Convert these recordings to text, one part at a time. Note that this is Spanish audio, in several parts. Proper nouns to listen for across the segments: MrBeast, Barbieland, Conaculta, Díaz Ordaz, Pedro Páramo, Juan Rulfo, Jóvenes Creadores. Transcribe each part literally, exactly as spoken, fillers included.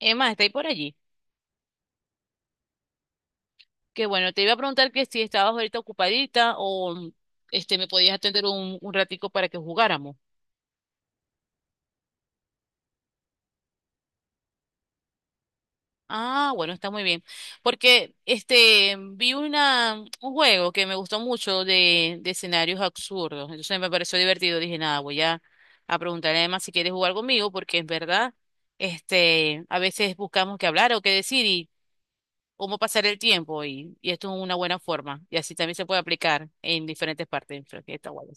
Emma, está ahí por allí. Que bueno, te iba a preguntar que si estabas ahorita ocupadita o este me podías atender un, un ratico para que jugáramos. Ah, bueno, está muy bien. Porque este vi una un juego que me gustó mucho de, de escenarios absurdos. Entonces me pareció divertido. Dije, nada, voy a, a preguntarle a Emma si quiere jugar conmigo, porque en verdad, este, a veces buscamos qué hablar o qué decir y cómo pasar el tiempo. Y, y esto es una buena forma. Y así también se puede aplicar en diferentes partes. Pero que está guay.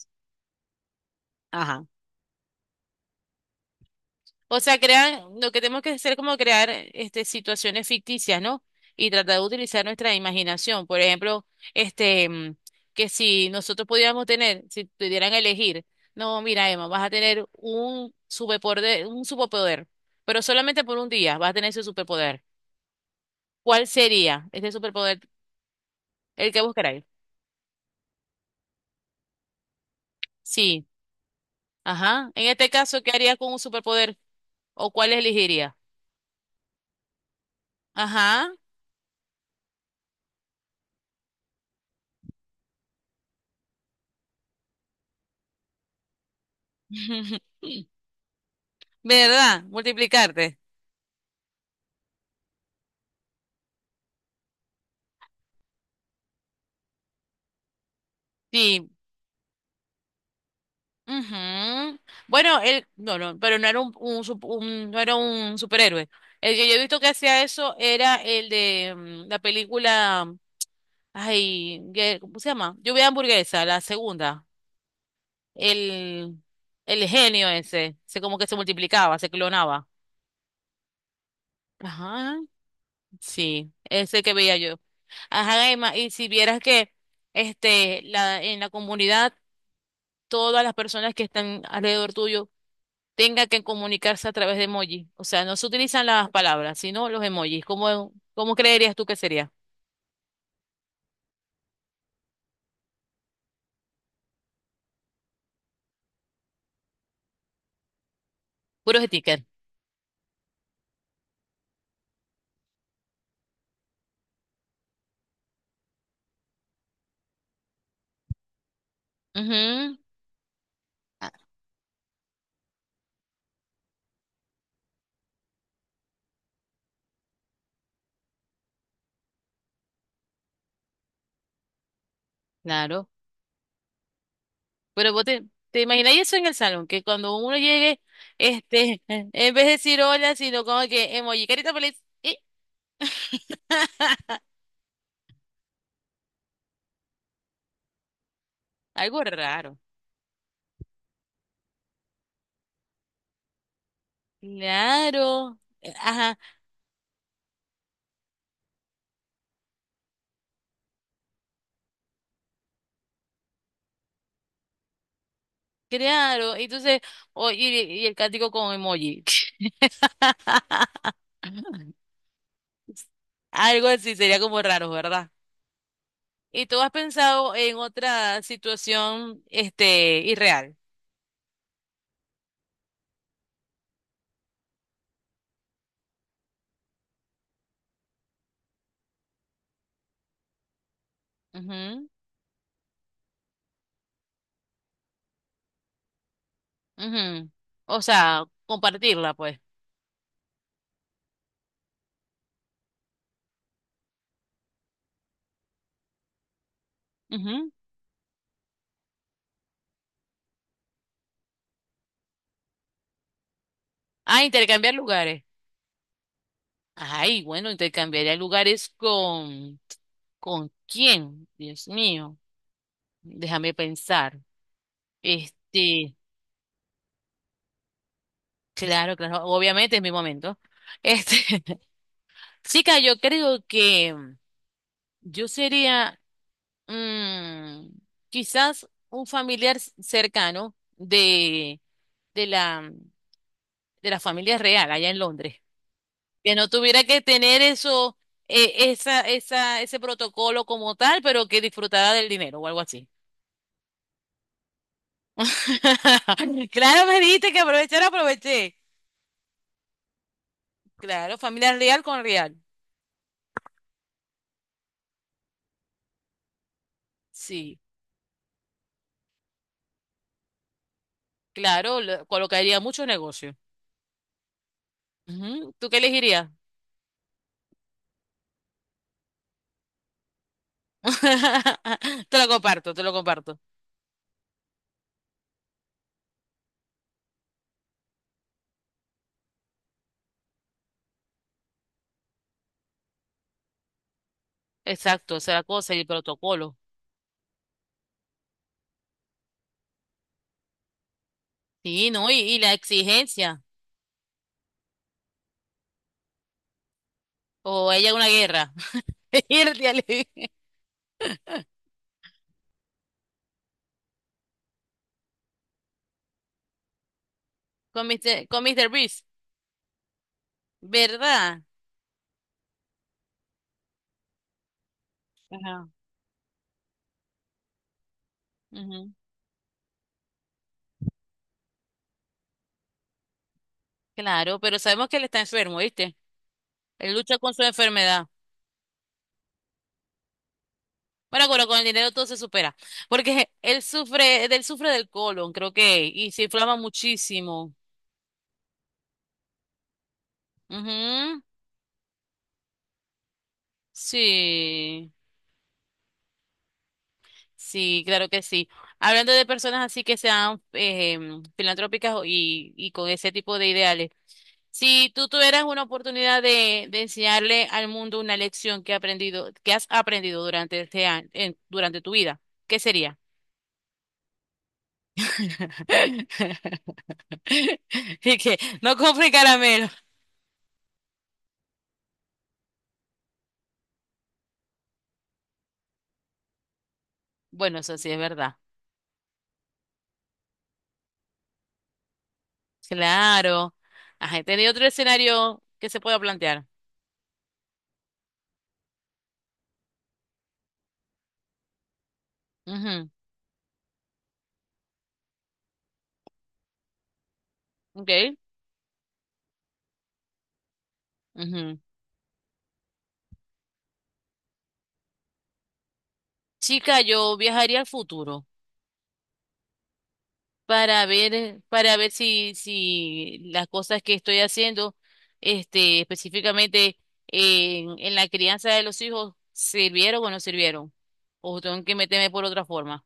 Ajá. O sea, crean, lo que tenemos que hacer es como crear este, situaciones ficticias, ¿no? Y tratar de utilizar nuestra imaginación. Por ejemplo, este, mm, que si nosotros pudiéramos tener, si pudieran elegir, no, mira, Emma, vas a tener un superpoder, un superpoder, pero solamente por un día vas a tener ese superpoder. ¿Cuál sería este superpoder? El que buscaráis. Sí, ajá. En este caso, ¿qué harías con un superpoder? ¿O cuál elegiría? Ajá. ¿Verdad? Multiplicarte. Sí, ujú. Bueno, él, no, no, pero no era un, un sup- un- no era un superhéroe. El que yo he visto que hacía eso era el de mm, la película, ay, que- ¿cómo se llama? Lluvia de hamburguesa, la segunda. El, el genio ese, se como que se multiplicaba, se clonaba. Ajá, sí, ese que veía yo. Ajá, Emma, y si vieras que este, la, en la comunidad, todas las personas que están alrededor tuyo tenga que comunicarse a través de emoji. O sea, no se utilizan las palabras, sino los emojis. ¿Cómo, ¿cómo creerías tú que sería? Puros stickers. Ujú, ah, claro. Pero vos te, te imagináis eso en el salón, que cuando uno llegue, este, en vez de decir hola, sino como que emoji, carita feliz. Y algo raro. Claro. eh, Ajá, claro. Entonces, oye, y y el cántico con emoji. Algo así sería como raro, ¿verdad? ¿Y tú has pensado en otra situación, este, irreal? Ujú, ujú. O sea, compartirla, pues. Ujú. Ah, intercambiar lugares. Ay, bueno, intercambiaría lugares con... ¿Con quién? Dios mío, déjame pensar. Este, claro, claro, obviamente es mi momento. Este, chica, yo creo que yo sería mm, quizás un familiar cercano de de la, de la familia real allá en Londres, que no tuviera que tener eso, eh, esa, esa, ese protocolo como tal, pero que disfrutara del dinero o algo así. Claro, me dijiste que aprovechar, aproveché. Claro, familia real con real. Sí, claro, lo- colocaría mucho negocio. Ujú. ¿Tú qué elegirías? Te lo comparto, te lo comparto. Exacto, esa es la cosa y el protocolo. Sí, ¿no? Y, y la exigencia. O ella una guerra. Irte, Ale. Con Mister, con Mister Beast, ¿verdad? Ajá, ujú. Claro, pero sabemos que él está enfermo, ¿viste? Él lucha con su enfermedad. Bueno, bueno, con el dinero todo se supera. Porque él sufre, él sufre del colon, creo que, y se inflama muchísimo. Ujú. Sí, sí, claro que sí. Hablando de personas así que sean eh, em, filantrópicas y, y con ese tipo de ideales. Si tú tuvieras una oportunidad de, de enseñarle al mundo una lección que ha aprendido, que has aprendido durante este año, durante tu vida, ¿qué sería? Y que no compre caramelo. Bueno, eso sí es verdad. Claro. Ajá, ¿tenía otro escenario que se pueda plantear? Ujú, ok, ujú. Chica, yo viajaría al futuro. Para ver, eh, para ver si, si las cosas que estoy haciendo, este, específicamente en, en la crianza de los hijos, sirvieron o no sirvieron. O tengo que meterme por otra forma.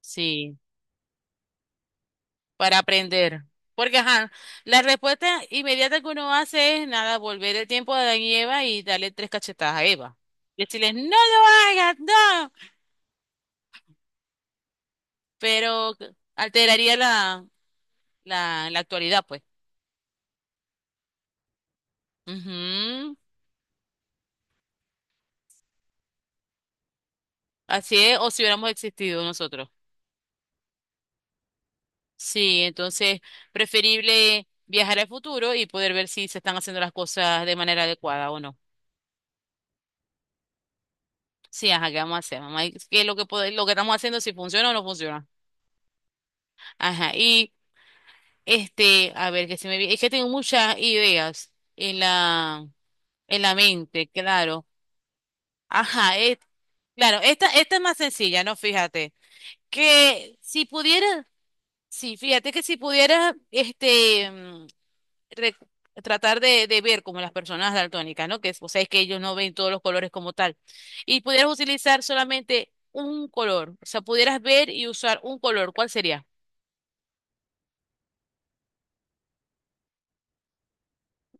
Sí, para aprender. Porque, ajá, la respuesta inmediata que uno hace es nada, volver el tiempo a Adán y Eva y darle tres cachetadas a Eva. Decirles, no lo hagas, no. Pero alteraría la, la, la actualidad, pues. Ujú. Así es, o si hubiéramos existido nosotros. Sí, entonces preferible viajar al futuro y poder ver si se están haciendo las cosas de manera adecuada o no. Sí, ajá, ¿qué vamos a hacer, mamá? ¿Y ¿qué es lo que pode- lo que estamos haciendo, si funciona o no funciona? Ajá, y este, a ver, que se me vi- es que tengo muchas ideas en la en la mente, claro. Ajá, es- claro, esta esta es más sencilla, ¿no? Fíjate, que si pudiera, sí, fíjate que si pudiera, este re- tratar de, de ver como las personas daltónicas, ¿no? Que, es- o sea, es que ellos no ven todos los colores como tal. Y pudieras utilizar solamente un color, o sea, pudieras ver y usar un color, ¿cuál sería?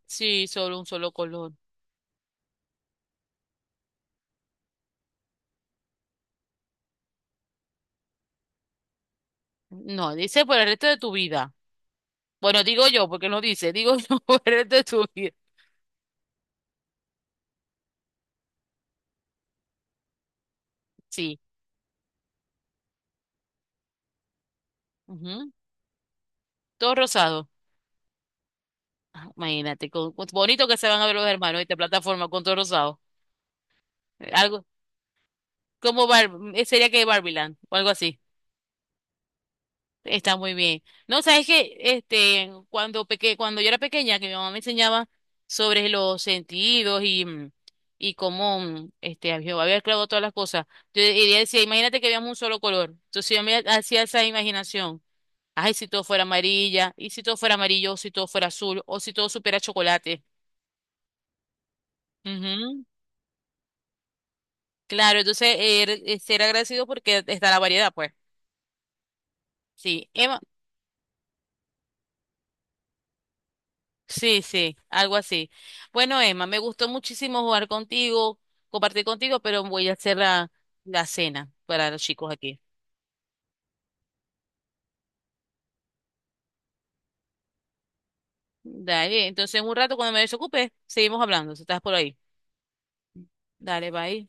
Sí, solo un solo color. No, dice por el resto de tu vida. Bueno, digo yo, porque no dice, digo yo por el resto de tu vida. Sí, ujú. Todo rosado. Ah, imagínate, con- con- bonito que se van a ver los hermanos esta plataforma con todo rosado. Eh, Algo como Bar- eh, sería que Barbieland o algo así. Está muy bien. No, sabes que este, cuando peque, cuando yo era pequeña, que mi mamá me enseñaba sobre los sentidos y, mm, y cómo mm, este, a Jehová había creado todas las cosas. Yo, y ella decía, imagínate que veamos un solo color. Entonces yo me hacía esa imaginación. Ay, si todo fuera amarilla, y si todo fuera amarillo, o si todo fuera azul, o si todo supiera chocolate. Ujú. Claro, entonces era ser agradecido porque está la variedad, pues. Sí. Sí, sí, algo así. Bueno, Emma, me gustó muchísimo jugar contigo, compartir contigo, pero voy a hacer la, la cena para los chicos aquí. Dale, entonces en un rato cuando me desocupe, seguimos hablando, si estás por ahí. Dale, bye.